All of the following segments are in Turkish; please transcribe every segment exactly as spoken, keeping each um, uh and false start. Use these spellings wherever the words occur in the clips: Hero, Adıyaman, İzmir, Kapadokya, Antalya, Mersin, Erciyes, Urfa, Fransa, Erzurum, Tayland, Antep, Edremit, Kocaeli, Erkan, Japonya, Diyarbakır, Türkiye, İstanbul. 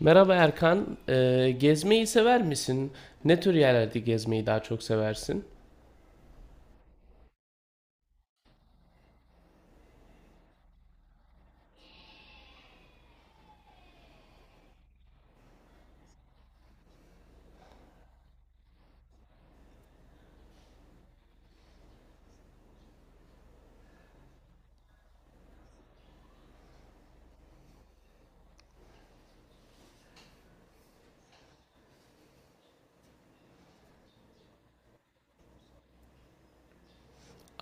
Merhaba Erkan. Ee, gezmeyi sever misin? Ne tür yerlerde gezmeyi daha çok seversin?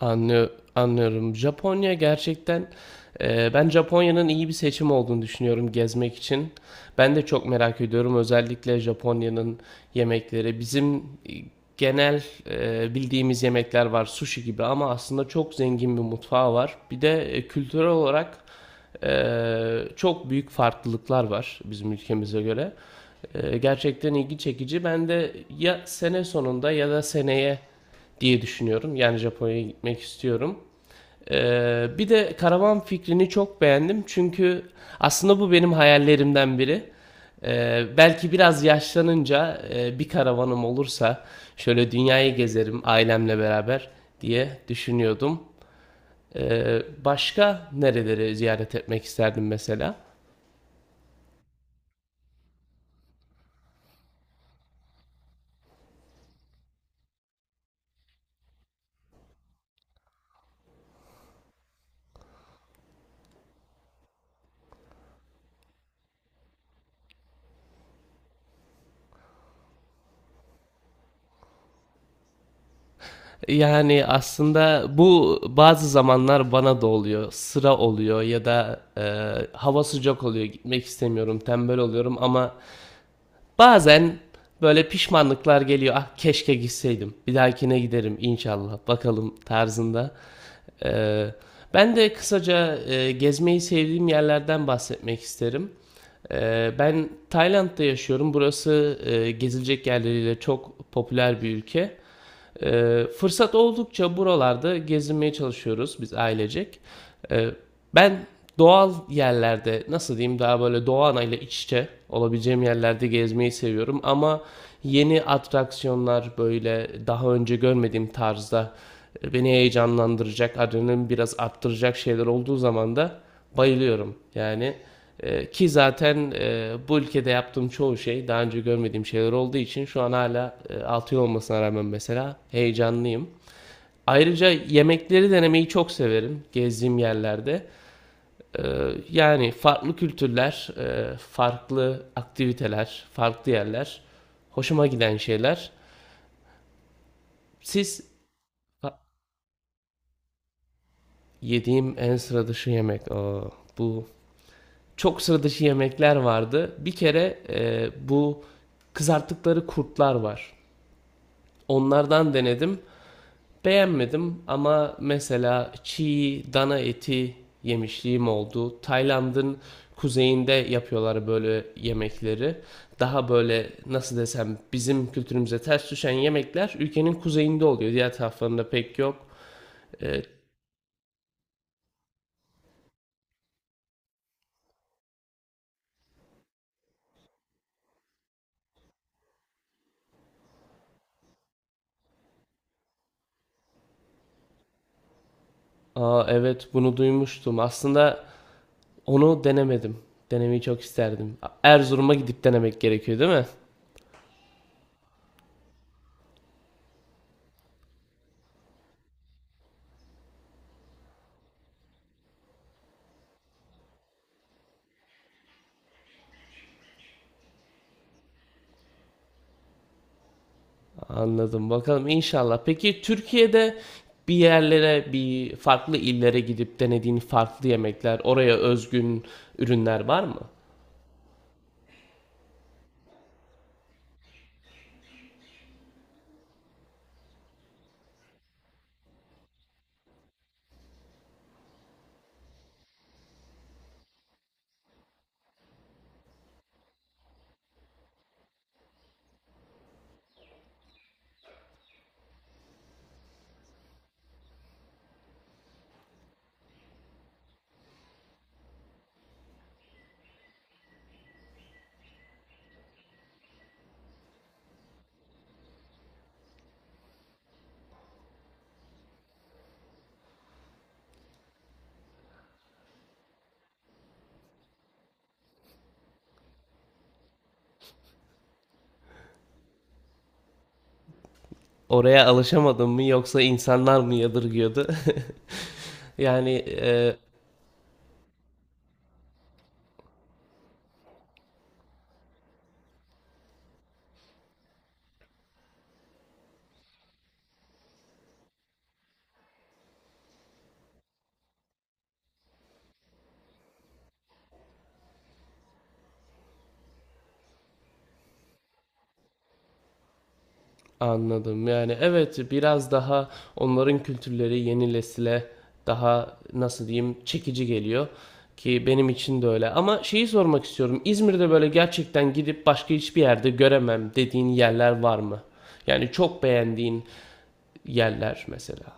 Anlıyor, Anlıyorum. Japonya gerçekten e, ben Japonya'nın iyi bir seçim olduğunu düşünüyorum gezmek için. Ben de çok merak ediyorum. Özellikle Japonya'nın yemekleri. Bizim e, genel e, bildiğimiz yemekler var, sushi gibi ama aslında çok zengin bir mutfağı var. Bir de e, kültürel olarak e, çok büyük farklılıklar var bizim ülkemize göre. Ee, gerçekten ilgi çekici. Ben de ya sene sonunda ya da seneye diye düşünüyorum. Yani Japonya'ya gitmek istiyorum. Ee, bir de karavan fikrini çok beğendim. Çünkü aslında bu benim hayallerimden biri. Ee, belki biraz yaşlanınca e, bir karavanım olursa şöyle dünyayı gezerim ailemle beraber diye düşünüyordum. Ee, başka nereleri ziyaret etmek isterdim mesela? Yani aslında bu bazı zamanlar bana da oluyor. Sıra oluyor ya da e, hava sıcak oluyor. Gitmek istemiyorum, tembel oluyorum ama bazen böyle pişmanlıklar geliyor. Ah keşke gitseydim. Bir dahakine giderim inşallah. Bakalım tarzında. E, Ben de kısaca e, gezmeyi sevdiğim yerlerden bahsetmek isterim. Ee, Ben Tayland'da yaşıyorum. Burası e, gezilecek yerleriyle çok popüler bir ülke. Ee, fırsat oldukça buralarda gezinmeye çalışıyoruz biz ailecek. Ee, Ben doğal yerlerde nasıl diyeyim daha böyle doğa anayla iç içe olabileceğim yerlerde gezmeyi seviyorum ama yeni atraksiyonlar böyle daha önce görmediğim tarzda beni heyecanlandıracak, adrenalin biraz arttıracak şeyler olduğu zaman da bayılıyorum. Yani e, ki zaten e, bu ülkede yaptığım çoğu şey daha önce görmediğim şeyler olduğu için şu an hala e, altı yıl olmasına rağmen mesela heyecanlıyım. Ayrıca yemekleri denemeyi çok severim gezdiğim yerlerde. E, Yani farklı kültürler, e, farklı aktiviteler, farklı yerler hoşuma giden şeyler. Siz Yediğim en sıra dışı yemek. Aa, bu çok sıra dışı yemekler vardı. Bir kere e, bu kızarttıkları kurtlar var. Onlardan denedim. Beğenmedim ama mesela çiğ dana eti yemişliğim oldu. Tayland'ın kuzeyinde yapıyorlar böyle yemekleri. Daha böyle nasıl desem bizim kültürümüze ters düşen yemekler ülkenin kuzeyinde oluyor. Diğer taraflarında pek yok. E, Aa evet bunu duymuştum. Aslında onu denemedim. Denemeyi çok isterdim. Erzurum'a gidip denemek gerekiyor değil mi? Anladım. Bakalım inşallah. Peki Türkiye'de bir yerlere, bir farklı illere gidip denediğin farklı yemekler, oraya özgün ürünler var mı? Oraya alışamadın mı yoksa insanlar mı yadırgıyordu? yani e, anladım. Yani evet biraz daha onların kültürleri yeni nesile daha nasıl diyeyim çekici geliyor ki benim için de öyle. Ama şeyi sormak istiyorum. İzmir'de böyle gerçekten gidip başka hiçbir yerde göremem dediğin yerler var mı? Yani çok beğendiğin yerler mesela.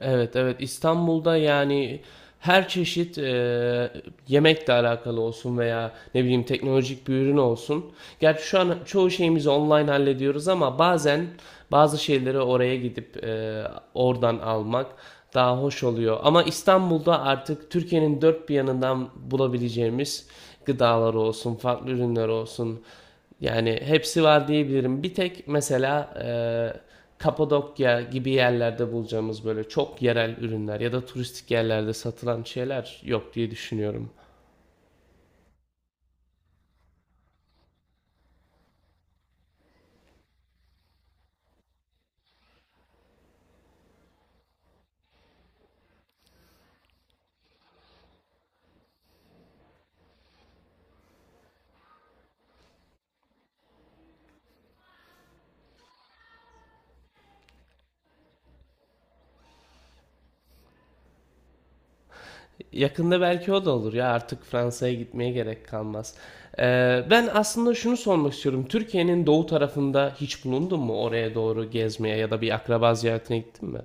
Evet, evet. İstanbul'da yani her çeşit eee, yemekle alakalı olsun veya ne bileyim teknolojik bir ürün olsun. Gerçi şu an çoğu şeyimizi online hallediyoruz ama bazen bazı şeyleri oraya gidip eee, oradan almak daha hoş oluyor. Ama İstanbul'da artık Türkiye'nin dört bir yanından bulabileceğimiz gıdalar olsun, farklı ürünler olsun, yani hepsi var diyebilirim. Bir tek mesela e, Kapadokya gibi yerlerde bulacağımız böyle çok yerel ürünler ya da turistik yerlerde satılan şeyler yok diye düşünüyorum. Yakında belki o da olur ya artık Fransa'ya gitmeye gerek kalmaz. E, Ben aslında şunu sormak istiyorum. Türkiye'nin doğu tarafında hiç bulundun mu? Oraya doğru gezmeye ya da bir akraba ziyaretine gittin mi?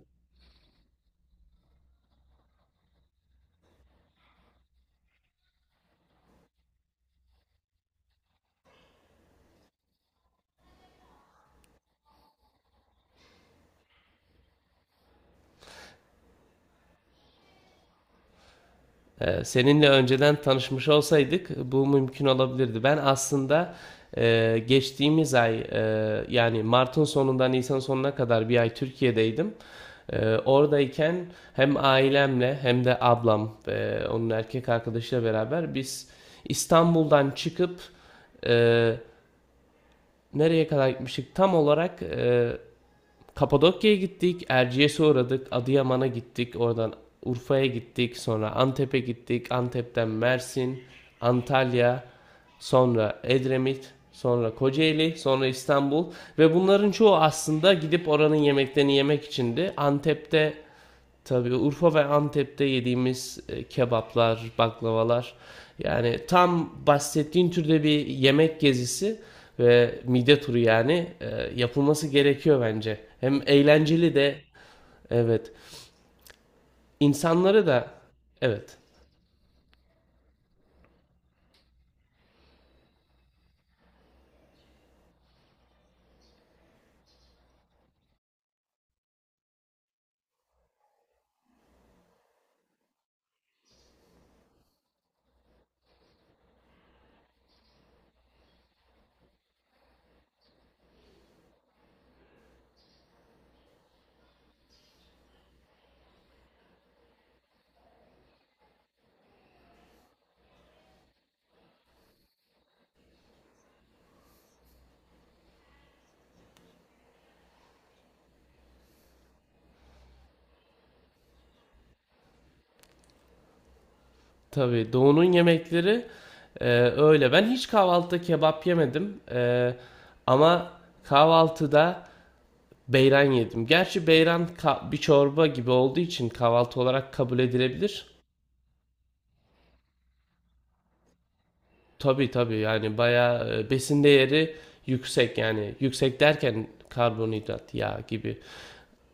Ee, Seninle önceden tanışmış olsaydık bu mümkün olabilirdi. Ben aslında e, geçtiğimiz ay e, yani Mart'ın sonundan Nisan sonuna kadar bir ay Türkiye'deydim. E, oradayken hem ailemle hem de ablam ve onun erkek arkadaşıyla beraber biz İstanbul'dan çıkıp e, nereye kadar gitmiştik? Tam olarak e, Kapadokya'ya gittik, Erciyes'e uğradık, Adıyaman'a gittik, oradan Urfa'ya gittik, sonra Antep'e gittik, Antep'ten Mersin, Antalya, sonra Edremit, sonra Kocaeli, sonra İstanbul ve bunların çoğu aslında gidip oranın yemeklerini yemek içindi. Antep'te Tabii Urfa ve Antep'te yediğimiz e, kebaplar, baklavalar yani tam bahsettiğin türde bir yemek gezisi ve mide turu yani e, yapılması gerekiyor bence. Hem eğlenceli de evet. İnsanları da evet. Tabii doğunun yemekleri e, öyle. Ben hiç kahvaltıda kebap yemedim. E, ama kahvaltıda beyran yedim. Gerçi beyran ka- bir çorba gibi olduğu için kahvaltı olarak kabul edilebilir. Tabii tabii yani bayağı e, besin değeri yüksek yani yüksek derken karbonhidrat, yağ gibi.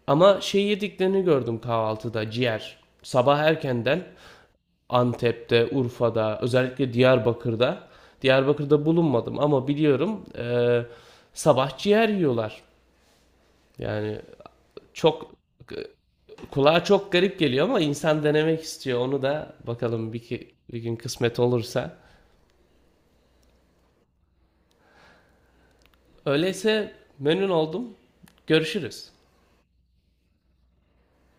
Ama şey yediklerini gördüm kahvaltıda ciğer. Sabah erkenden Antep'te, Urfa'da, özellikle Diyarbakır'da. Diyarbakır'da bulunmadım ama biliyorum e, sabah ciğer yiyorlar. Yani çok kulağa çok garip geliyor ama insan denemek istiyor. Onu da bakalım bir, ki- bir gün kısmet olursa. Öyleyse memnun oldum. Görüşürüz.